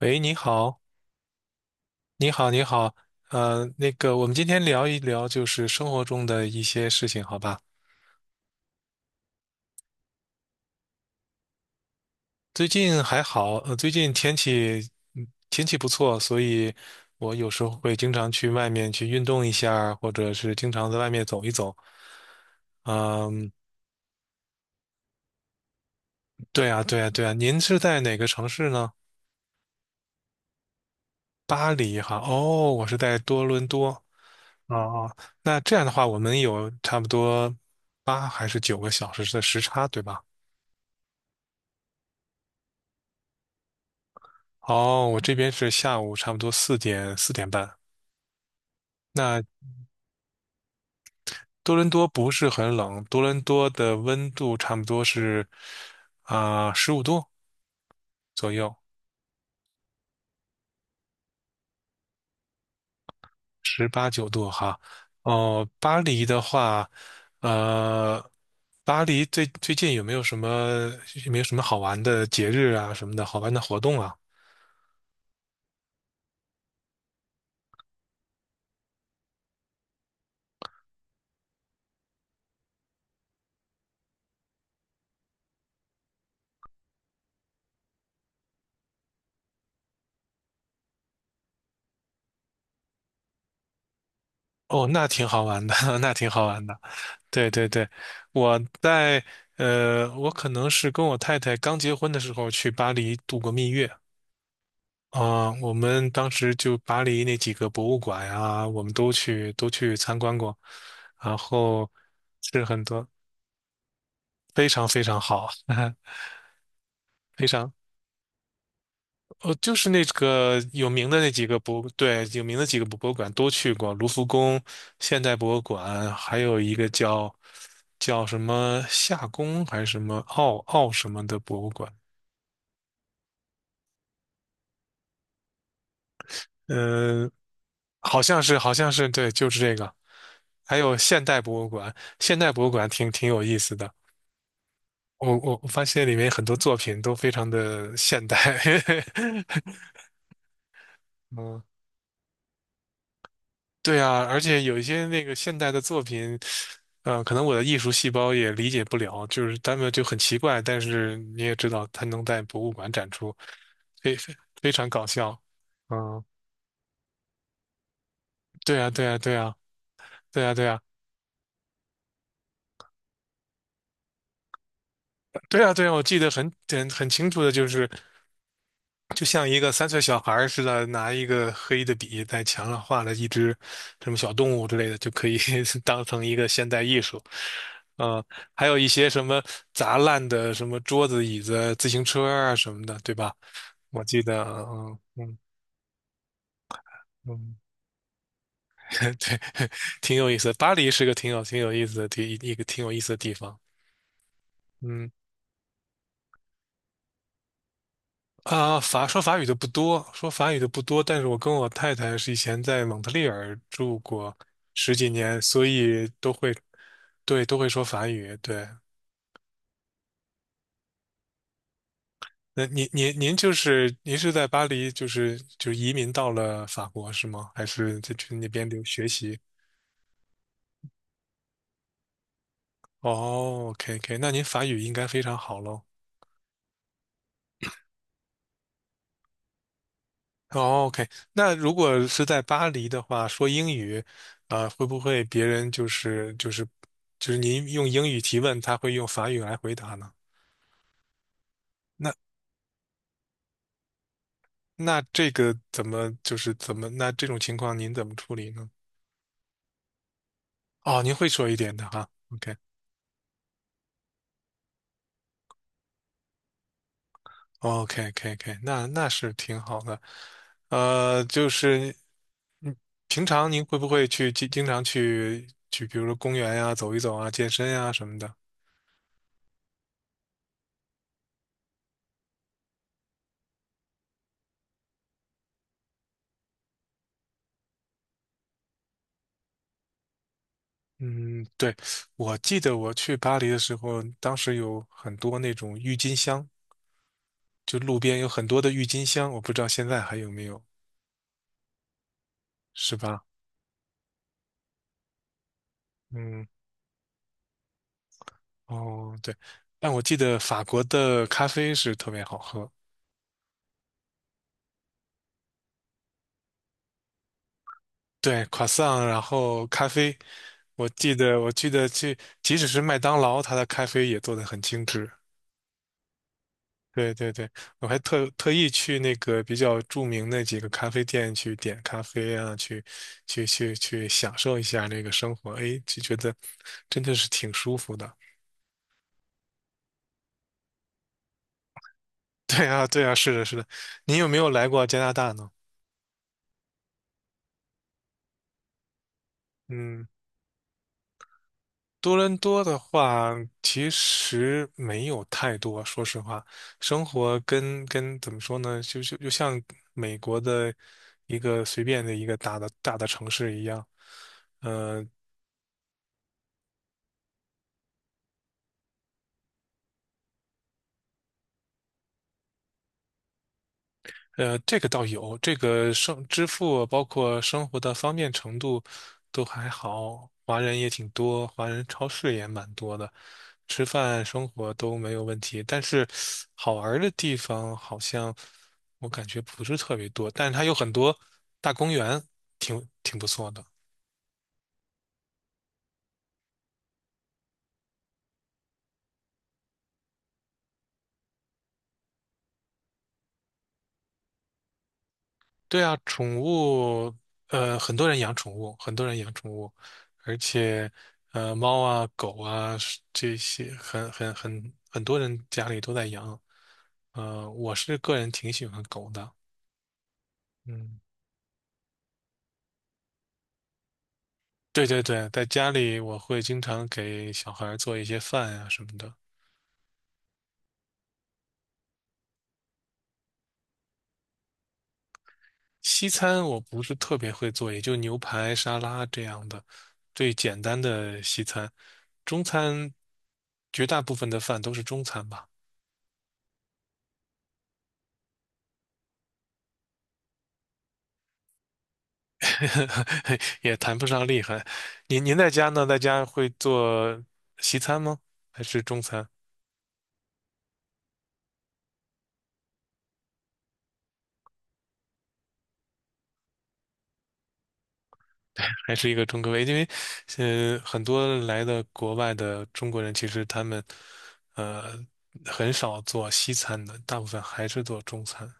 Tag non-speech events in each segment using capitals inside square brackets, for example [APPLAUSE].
喂，你好，你好，你好。那个，我们今天聊一聊就是生活中的一些事情，好吧？最近还好，最近天气，天气不错，所以我有时候会经常去外面去运动一下儿或者是经常在外面走一走。嗯，对啊，对啊，对啊，您是在哪个城市呢？巴黎哈，哦，我是在多伦多。哦哦，那这样的话，我们有差不多8还是9个小时的时差，对吧？哦，我这边是下午差不多4:30。那多伦多不是很冷，多伦多的温度差不多是15度左右，十八九度哈。哦，巴黎的话，呃，巴黎最近有没有什么好玩的节日啊什么的好玩的活动啊？哦，那挺好玩的，[LAUGHS] 那挺好玩的。对对对，我在我可能是跟我太太刚结婚的时候去巴黎度过蜜月啊，我们当时就巴黎那几个博物馆呀，我们都去都去参观过，然后是很多非常非常好，[LAUGHS] 非常。哦，就是那个有名的那几个博，对，有名的几个博物馆都去过，卢浮宫、现代博物馆，还有一个叫什么夏宫还是什么奥什么的博物馆，嗯，好像是对，就是这个，还有现代博物馆，现代博物馆挺有意思的，我发现里面很多作品都非常的现代，[LAUGHS] 嗯，对啊，而且有一些那个现代的作品。嗯，可能我的艺术细胞也理解不了，就是他们就很奇怪，但是你也知道，他能在博物馆展出，非非非常搞笑。嗯，对啊，对啊，对啊，对啊，对啊，对啊，对啊，我记得很清楚的，就是就像一个3岁小孩儿似的，拿一个黑的笔在墙上画了一只什么小动物之类的，就可以 [LAUGHS] 当成一个现代艺术。嗯，还有一些什么砸烂的什么桌子、椅子、自行车啊什么的，对吧？我记得，嗯嗯嗯嗯，[LAUGHS] 对，[LAUGHS] 挺有意思的。巴黎是个挺有意思的地方。嗯啊，说法语的不多，说法语的不多。但是我跟我太太是以前在蒙特利尔住过十几年，所以都会，对，都会说法语。对，那您就是您是在巴黎，就移民到了法国是吗？还是在去那边留学习？哦，OK OK,那您法语应该非常好喽。哦，OK,那如果是在巴黎的话，说英语，会不会别人就是您用英语提问，他会用法语来回答呢？那这个怎么就是怎么那这种情况您怎么处理呢？哦，您会说一点的哈，OK。o k k k 那是挺好的。就是平常您会不会经常去，比如说公园呀、走一走啊、健身呀、什么的？嗯，对，我记得我去巴黎的时候，当时有很多那种郁金香，就路边有很多的郁金香，我不知道现在还有没有，是吧？嗯，哦，对，但我记得法国的咖啡是特别好喝，对，croissant,然后咖啡，我记得去，即使是麦当劳，它的咖啡也做得很精致。对对对，我还特意去那个比较著名的几个咖啡店去点咖啡啊，去享受一下那个生活，哎，就觉得真的是挺舒服的。[LAUGHS] 对啊，对啊，是的，是的。你有没有来过加拿大呢？嗯，多伦多的话，其实没有太多，说实话，生活跟怎么说呢，就像美国的一个随便的大的城市一样。呃这个倒有，这个支付包括生活的方便程度都还好，华人也挺多，华人超市也蛮多的，吃饭生活都没有问题。但是好玩儿的地方好像我感觉不是特别多，但是它有很多大公园，挺不错的。对啊，宠物，很多人养宠物,而且，猫啊、狗啊是这些，很多人家里都在养。我是个人挺喜欢狗的。嗯，对对对，在家里我会经常给小孩儿做一些饭呀、什么的。西餐我不是特别会做，也就牛排、沙拉这样的最简单的西餐。中餐绝大部分的饭都是中餐吧。[LAUGHS] 也谈不上厉害。您在家呢？在家会做西餐吗？还是中餐？还是一个中国胃？因为，很多来的国外的中国人，其实他们，呃，很少做西餐的，大部分还是做中餐。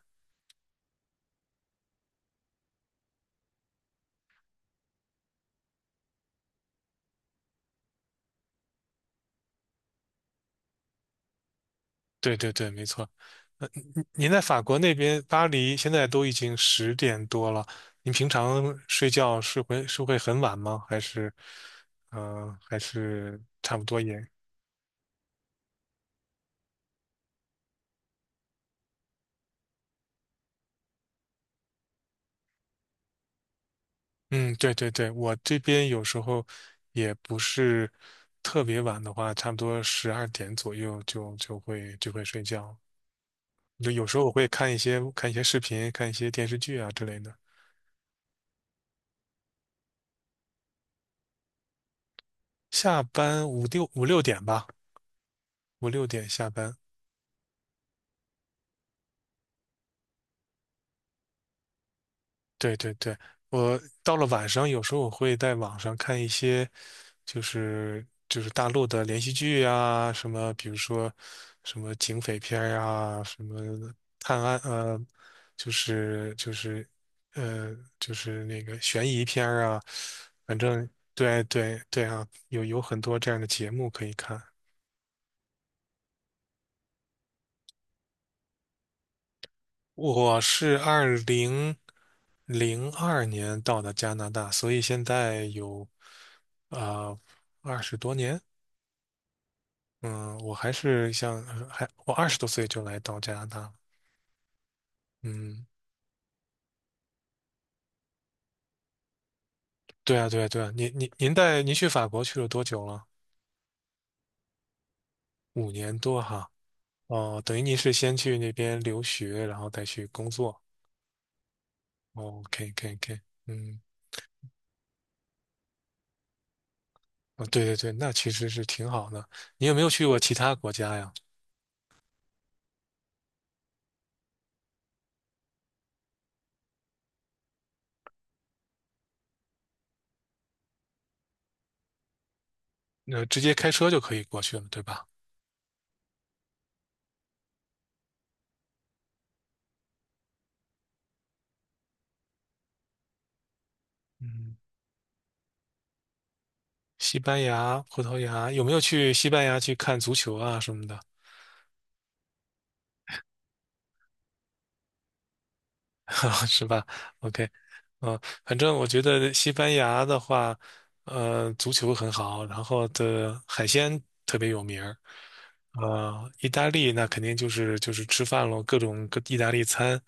对对对，没错。您在法国那边，巴黎现在都已经10点多了，您平常睡觉是会很晚吗？还是差不多也？嗯，对对对，我这边有时候也不是特别晚的话，差不多12点左右就会睡觉。就有时候我会看一些视频，看一些电视剧啊之类的。下班五六点吧，五六点下班。对对对，我到了晚上，有时候我会在网上看一些，就是大陆的连续剧啊，什么比如说什么警匪片儿啊，什么探案就是就是就是那个悬疑片儿啊，反正对对对啊，有很多这样的节目可以看。我是2002年到的加拿大，所以现在有啊20多年。嗯，我还是像还我20多岁就来到加拿大了。嗯，对啊，对啊，对啊。您去法国去了多久了？5年多哈。哦，等于您是先去那边留学，然后再去工作。哦，OK OK OK。嗯，哦，对对对，那其实是挺好的。你有没有去过其他国家呀？那、直接开车就可以过去了，对吧？嗯，西班牙、葡萄牙，有没有去西班牙去看足球啊什么的？[LAUGHS] 是吧？OK,嗯、反正我觉得西班牙的话，足球很好，然后的海鲜特别有名儿。意大利那肯定就是吃饭咯，各种意大利餐。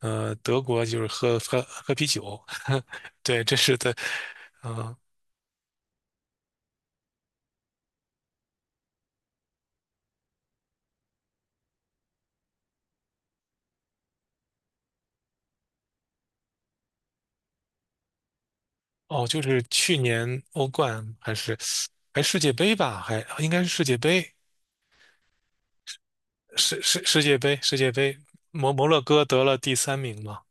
德国就是喝啤酒，[LAUGHS] 对，这是的。嗯、哦，就是去年欧冠还是世界杯吧，还应该是世界杯，世界杯，摩洛哥得了第三名嘛。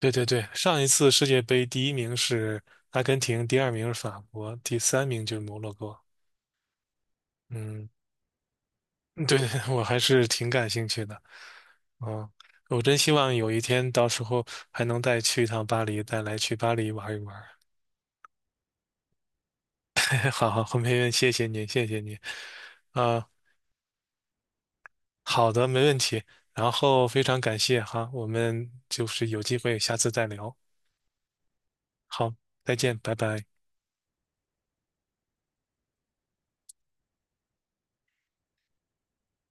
对对对，上一次世界杯第一名是阿根廷，第二名是法国，第三名就是摩洛哥。嗯，对，[LAUGHS] 我还是挺感兴趣的。嗯，我真希望有一天到时候还能再去一趟巴黎，再来去巴黎玩一玩。[LAUGHS] 好好，后面谢谢你，谢谢你。啊，好的，没问题。然后非常感谢哈，我们就是有机会下次再聊。好，再见，拜拜。